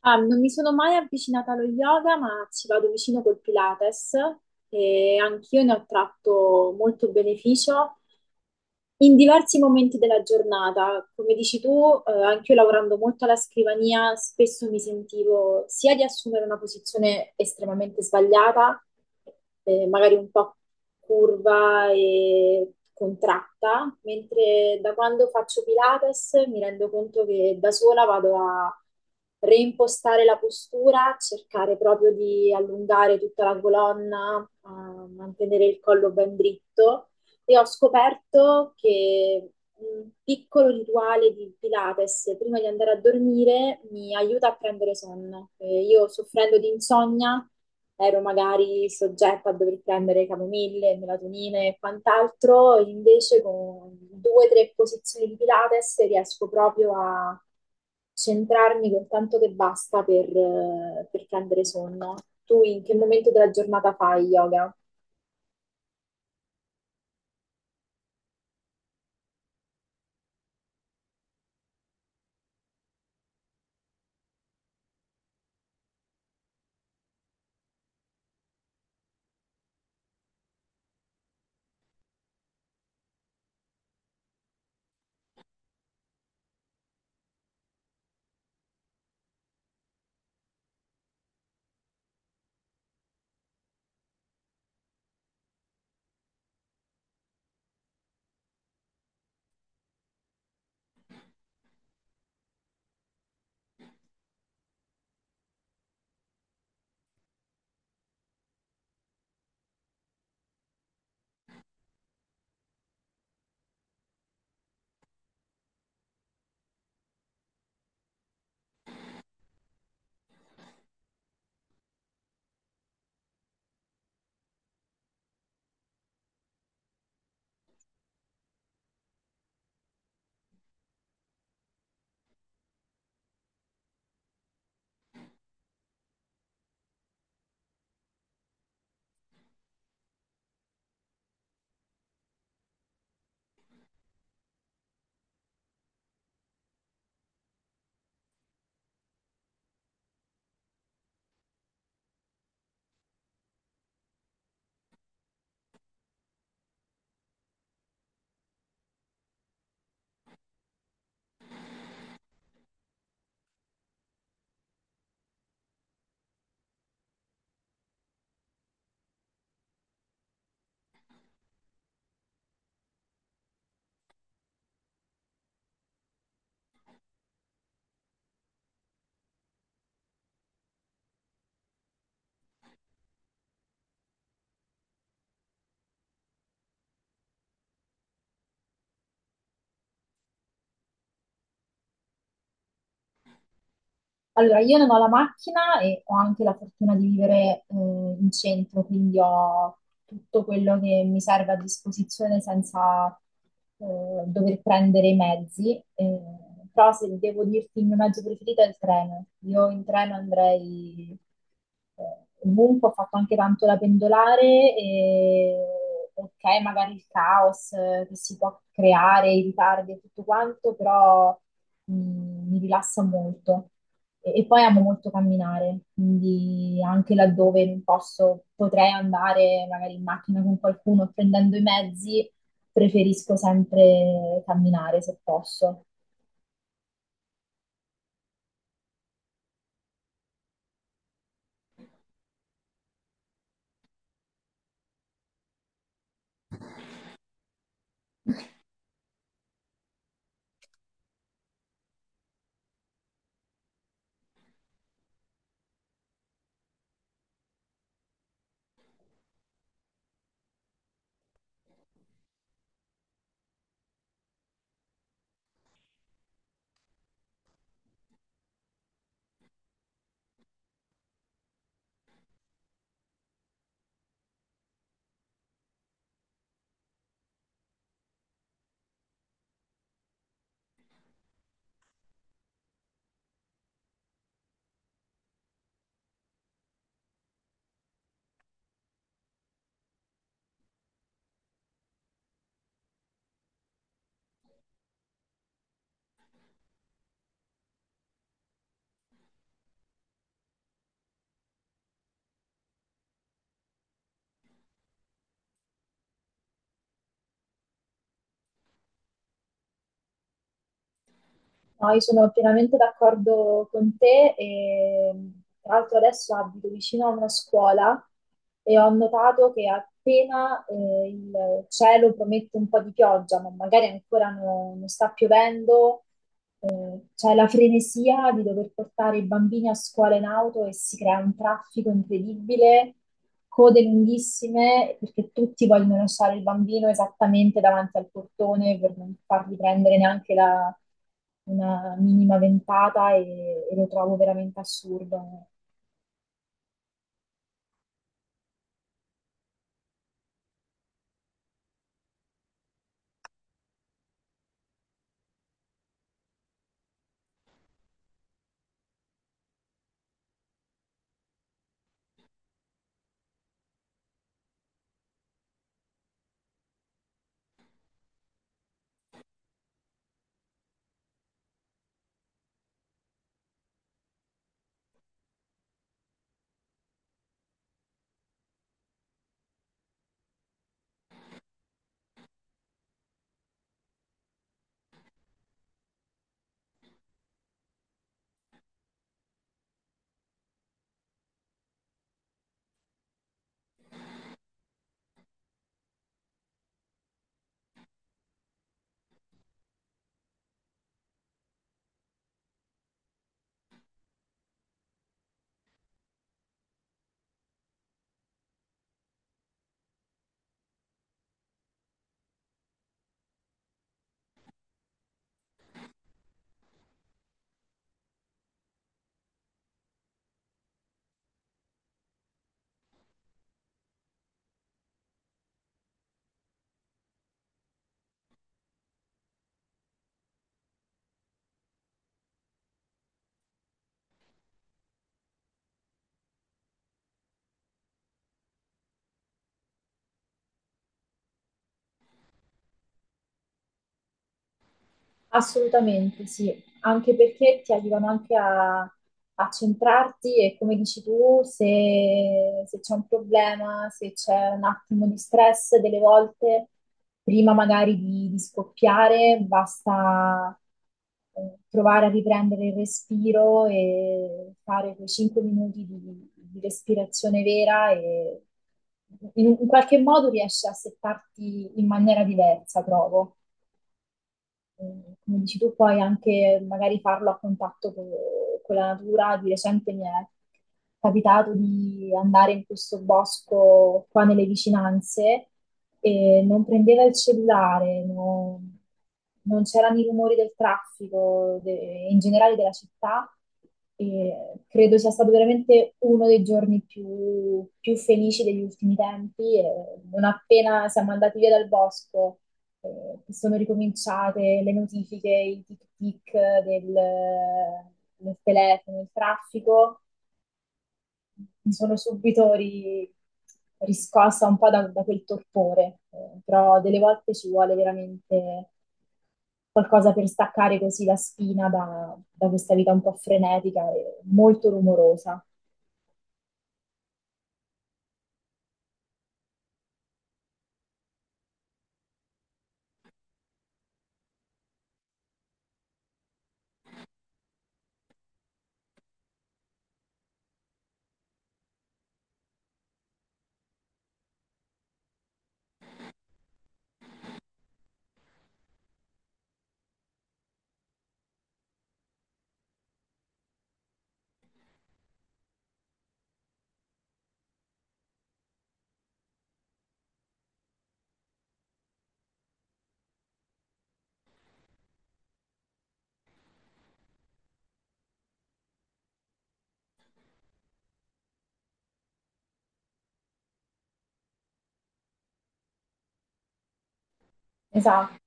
Ah, non mi sono mai avvicinata allo yoga, ma ci vado vicino col Pilates e anch'io ne ho tratto molto beneficio in diversi momenti della giornata, come dici tu, anche io lavorando molto alla scrivania, spesso mi sentivo sia di assumere una posizione estremamente sbagliata, magari un po' curva e contratta, mentre da quando faccio Pilates mi rendo conto che da sola vado a reimpostare la postura, cercare proprio di allungare tutta la colonna, a mantenere il collo ben dritto e ho scoperto che un piccolo rituale di Pilates prima di andare a dormire mi aiuta a prendere sonno. Io soffrendo di insonnia ero magari soggetta a dover prendere camomille, melatonine e quant'altro, invece con due o tre posizioni di Pilates riesco proprio a centrarmi con tanto che basta per prendere sonno. Tu in che momento della giornata fai yoga? Allora, io non ho la macchina e ho anche la fortuna di vivere in centro, quindi ho tutto quello che mi serve a disposizione senza dover prendere i mezzi. Però se devo dirti il mio mezzo preferito è il treno. Io in treno andrei ovunque, ho fatto anche tanto la pendolare e ok, magari il caos che si può creare, i ritardi e tutto quanto, però mi rilassa molto. E poi amo molto camminare, quindi anche laddove non posso, potrei andare magari in macchina con qualcuno o prendendo i mezzi, preferisco sempre camminare se posso. No, io sono pienamente d'accordo con te e tra l'altro adesso abito vicino a una scuola e ho notato che appena il cielo promette un po' di pioggia, ma magari ancora non sta piovendo, c'è la frenesia di dover portare i bambini a scuola in auto e si crea un traffico incredibile, code lunghissime, perché tutti vogliono lasciare il bambino esattamente davanti al portone per non fargli prendere neanche una minima ventata e lo trovo veramente assurdo. Assolutamente sì, anche perché ti aiutano anche a centrarti e come dici tu, se c'è un problema, se c'è un attimo di stress, delle volte, prima magari di scoppiare, basta provare a riprendere il respiro e fare quei 5 minuti di respirazione vera e in qualche modo riesci a settarti in maniera diversa, trovo come dici tu, poi anche magari farlo a contatto con la natura. Di recente mi è capitato di andare in questo bosco qua nelle vicinanze e non prendeva il cellulare, non c'erano i rumori del traffico, in generale della città. E credo sia stato veramente uno dei giorni più, più felici degli ultimi tempi. E non appena siamo andati via dal bosco che sono ricominciate le notifiche, i tic-tic del, del telefono, il traffico, mi sono subito riscossa un po' da quel torpore, però delle volte ci vuole veramente qualcosa per staccare così la spina da questa vita un po' frenetica e molto rumorosa. Esatto.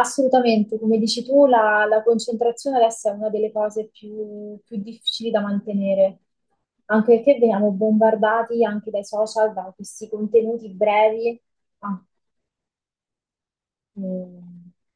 Assolutamente, come dici tu, la concentrazione adesso è una delle cose più, più difficili da mantenere, anche perché veniamo bombardati anche dai social, da questi contenuti brevi. Ah, mm.